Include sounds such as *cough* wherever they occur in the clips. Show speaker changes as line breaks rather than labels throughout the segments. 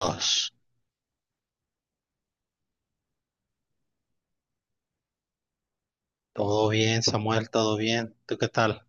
Dios. Todo bien, Samuel, todo bien. ¿Tú qué tal?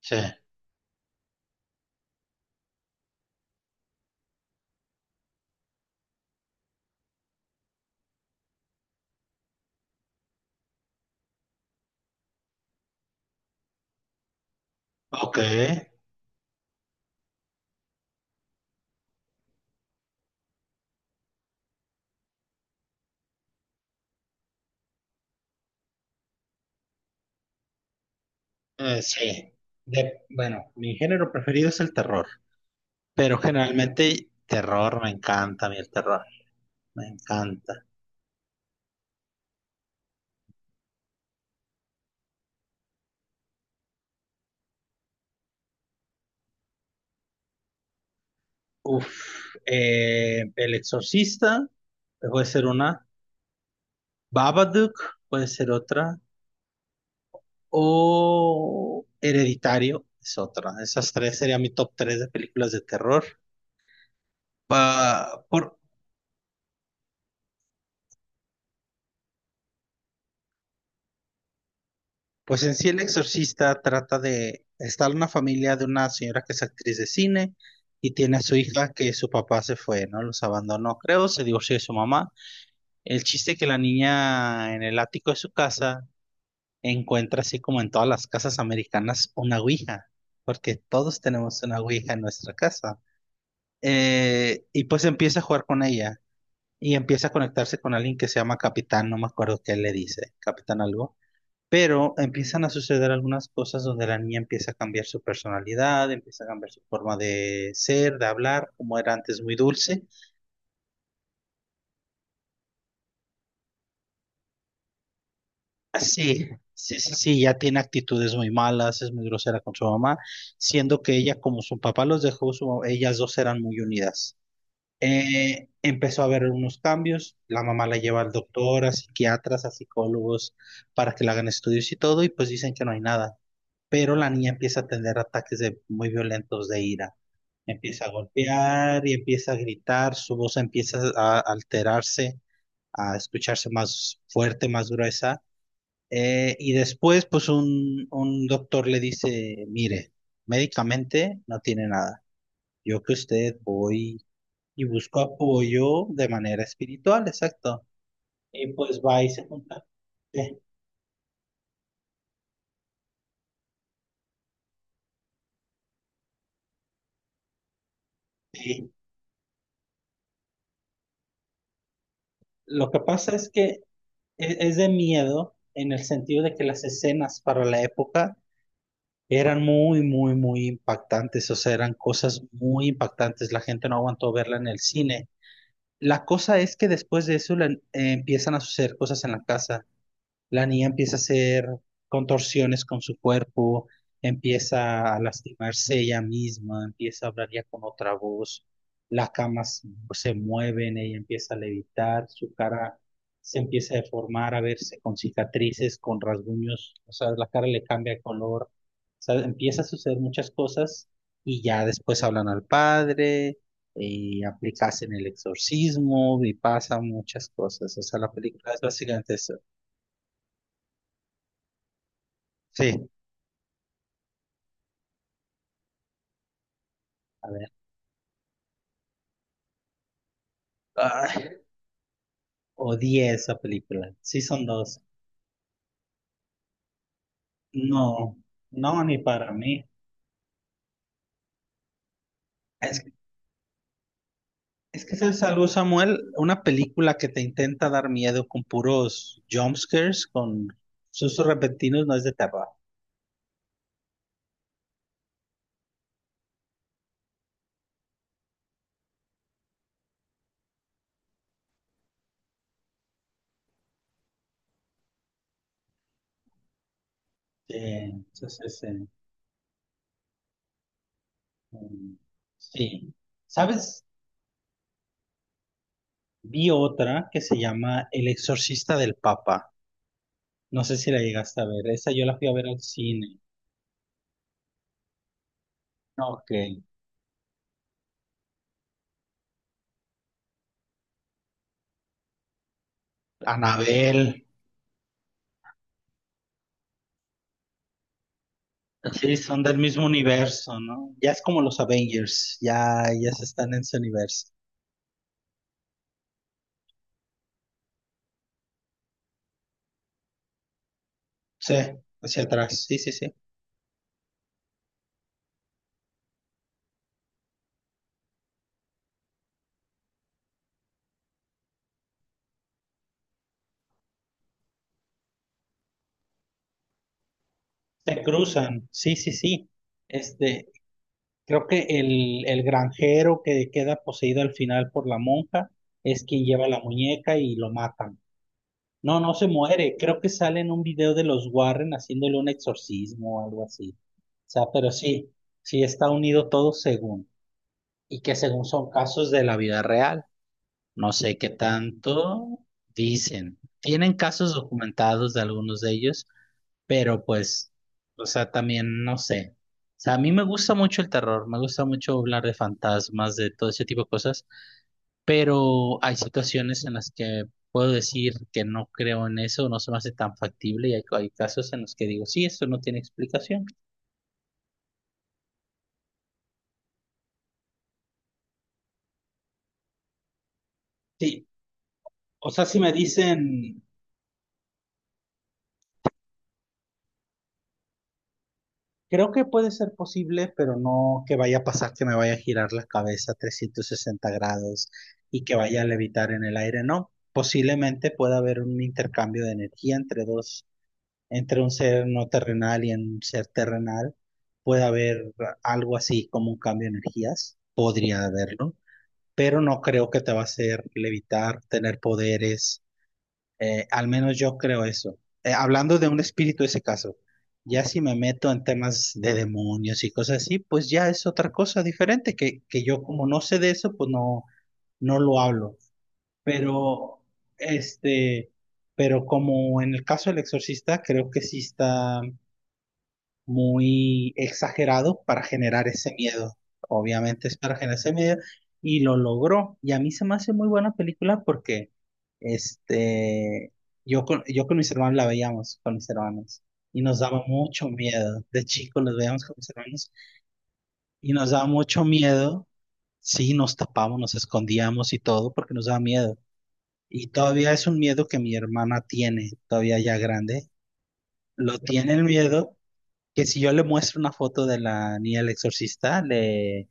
Sí. Ok. Sí. Bueno, mi género preferido es el terror, pero generalmente terror me encanta, a mí el terror, me encanta. Uf, El Exorcista puede ser una, Babadook puede ser otra, o Hereditario es otra. Esas tres serían mi top tres de películas de terror. Pa- por, Pues en sí El Exorcista trata de estar una familia de una señora que es actriz de cine y tiene a su hija que su papá se fue, ¿no? Los abandonó, creo, se divorció de su mamá. El chiste es que la niña en el ático de su casa encuentra, así como en todas las casas americanas, una ouija, porque todos tenemos una ouija en nuestra casa. Y pues empieza a jugar con ella y empieza a conectarse con alguien que se llama Capitán, no me acuerdo qué le dice, Capitán algo, pero empiezan a suceder algunas cosas donde la niña empieza a cambiar su personalidad, empieza a cambiar su forma de ser, de hablar, como era antes muy dulce. Ah, sí, sí, sí, sí, ya tiene actitudes muy malas, es muy grosera con su mamá, siendo que ella, como su papá los dejó, ellas dos eran muy unidas. Empezó a haber unos cambios, la mamá la lleva al doctor, a psiquiatras, a psicólogos, para que le hagan estudios y todo, y pues dicen que no hay nada. Pero la niña empieza a tener ataques de, muy violentos de ira. Empieza a golpear y empieza a gritar, su voz empieza a alterarse, a escucharse más fuerte, más gruesa. Y después, pues un doctor le dice, mire, médicamente no tiene nada. Yo que usted voy y busco apoyo de manera espiritual, exacto. Y pues va y se junta. Sí, sí. Lo que pasa es que es de miedo en el sentido de que las escenas para la época eran muy, muy, muy impactantes, o sea, eran cosas muy impactantes. La gente no aguantó verla en el cine. La cosa es que después de eso empiezan a suceder cosas en la casa. La niña empieza a hacer contorsiones con su cuerpo, empieza a lastimarse ella misma, empieza a hablar ya con otra voz, las camas se mueven, ella empieza a levitar, su cara se empieza a deformar, a verse con cicatrices, con rasguños, o sea, la cara le cambia de color, o sea, empieza a suceder muchas cosas y ya después hablan al padre. Y aplicas en el exorcismo y pasan muchas cosas. O sea, la película es básicamente eso. Sí. A ver. Ay, odié esa película. Sí, son 2. No, no, ni para mí. Es, es que es algo, Samuel, una película que te intenta dar miedo con puros jumpscares, con sustos repentinos, no es de terror. Sí, sí, sí, sí. Mm, sí. ¿Sabes? Vi otra que se llama El Exorcista del Papa. No sé si la llegaste a ver. Esa yo la fui a ver al cine. Ok. Anabel. Sí, son del mismo universo, ¿no? Ya es como los Avengers, ya, ya se están en su universo. Sí, hacia atrás, sí, sí, sí. Se cruzan, sí, sí, sí. Este, creo que el granjero que queda poseído al final por la monja es quien lleva la muñeca y lo matan. No, no se muere, creo que sale en un video de los Warren haciéndole un exorcismo o algo así. O sea, pero sí, sí está unido todo según, y que según son casos de la vida real. No sé qué tanto dicen. Tienen casos documentados de algunos de ellos, pero pues, o sea, también no sé. O sea, a mí me gusta mucho el terror, me gusta mucho hablar de fantasmas, de todo ese tipo de cosas, pero hay situaciones en las que puedo decir que no creo en eso, no se me hace tan factible y hay casos en los que digo, sí, esto no tiene explicación. Sí, o sea, si me dicen... Creo que puede ser posible, pero no que vaya a pasar que me vaya a girar la cabeza 360 grados y que vaya a levitar en el aire, no. Posiblemente pueda haber un intercambio de energía entre dos, entre un ser no terrenal y un ser terrenal. Puede haber algo así como un cambio de energías, podría haberlo, pero no creo que te va a hacer levitar, tener poderes, al menos yo creo eso. Hablando de un espíritu, ese caso, ya si me meto en temas de demonios y cosas así, pues ya es otra cosa diferente, que, yo como no sé de eso, pues no, no lo hablo. Pero, este, pero como en el caso del exorcista, creo que sí está, muy exagerados para generar ese miedo. Obviamente es para generar ese miedo y lo logró. Y a mí se me hace muy buena película porque este, yo con mis hermanos la veíamos, con mis hermanos, y nos daba mucho miedo. De chicos los veíamos con mis hermanos y nos daba mucho miedo. Sí, nos tapamos, nos escondíamos y todo porque nos daba miedo. Y todavía es un miedo que mi hermana tiene, todavía ya grande. Lo tiene el miedo que si yo le muestro una foto de la niña del exorcista, le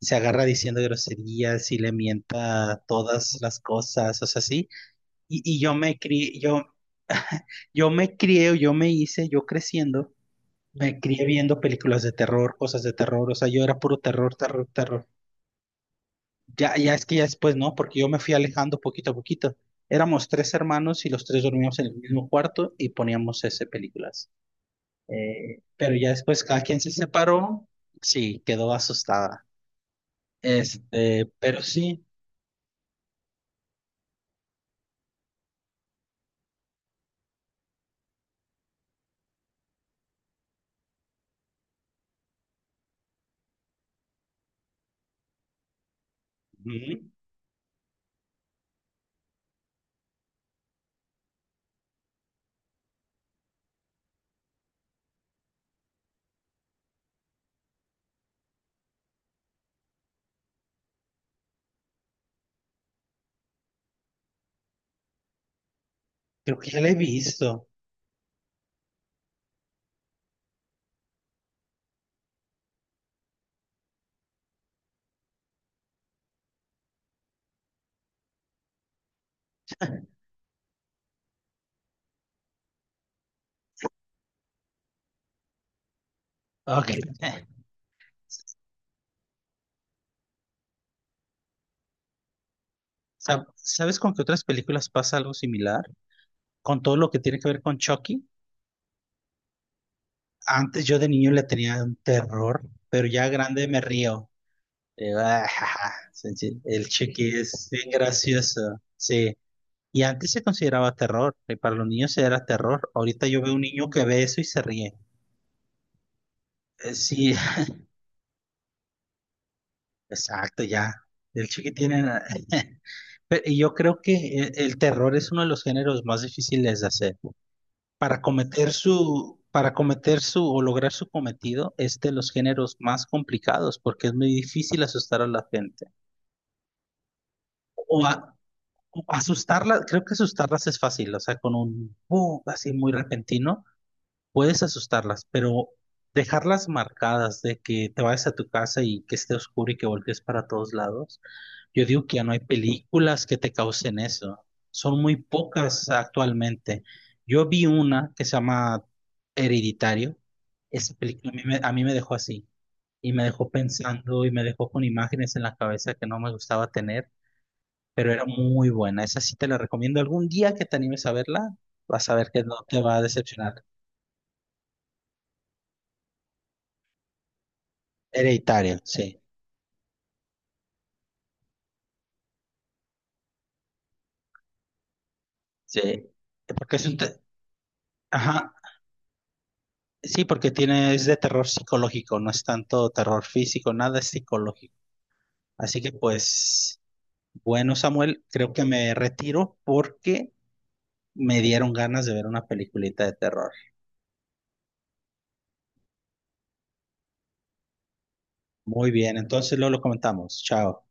se agarra diciendo groserías y le mienta todas las cosas, o sea, sí. Y yo me crié, yo, *laughs* yo me crié, o yo me hice, yo creciendo, me crié viendo películas de terror, cosas de terror, o sea, yo era puro terror, terror, terror. Ya, ya es que ya después no, porque yo me fui alejando poquito a poquito. Éramos tres hermanos y los tres dormíamos en el mismo cuarto y poníamos ese películas. Pero ya después cada quien se separó, sí, quedó asustada. Este, pero sí, ujú, creo que ya la he visto. Ok. *laughs* ¿Sabes con qué otras películas pasa algo similar? Con todo lo que tiene que ver con Chucky. Antes yo de niño le tenía un terror, pero ya grande me río. Sí, sí, El Chucky es bien gracioso. Sí. Y antes se consideraba terror, y para los niños era terror. Ahorita yo veo un niño que ve eso y se ríe. Sí, exacto, ya. El chiquitín era- *laughs* Y yo creo que el terror es uno de los géneros más difíciles de hacer. Para cometer su o lograr su cometido es de los géneros más complicados porque es muy difícil asustar a la gente. O, a- o asustarla, creo que asustarlas es fácil, o sea, con un boom así muy repentino. Puedes asustarlas, pero dejarlas marcadas de que te vayas a tu casa y que esté oscuro y que voltees para todos lados. Yo digo que ya no hay películas que te causen eso. Son muy pocas actualmente. Yo vi una que se llama Hereditario. Esa película a mí me dejó así y me dejó pensando y me dejó con imágenes en la cabeza que no me gustaba tener, pero era muy buena. Esa sí te la recomiendo. Algún día que te animes a verla, vas a ver que no te va a decepcionar. Hereditario, sí. Sí, porque es un ajá, sí, porque tiene, es de terror psicológico, no es tanto terror físico, nada es psicológico. Así que pues, bueno, Samuel, creo que me retiro porque me dieron ganas de ver una peliculita de terror. Muy bien, entonces luego lo comentamos. Chao.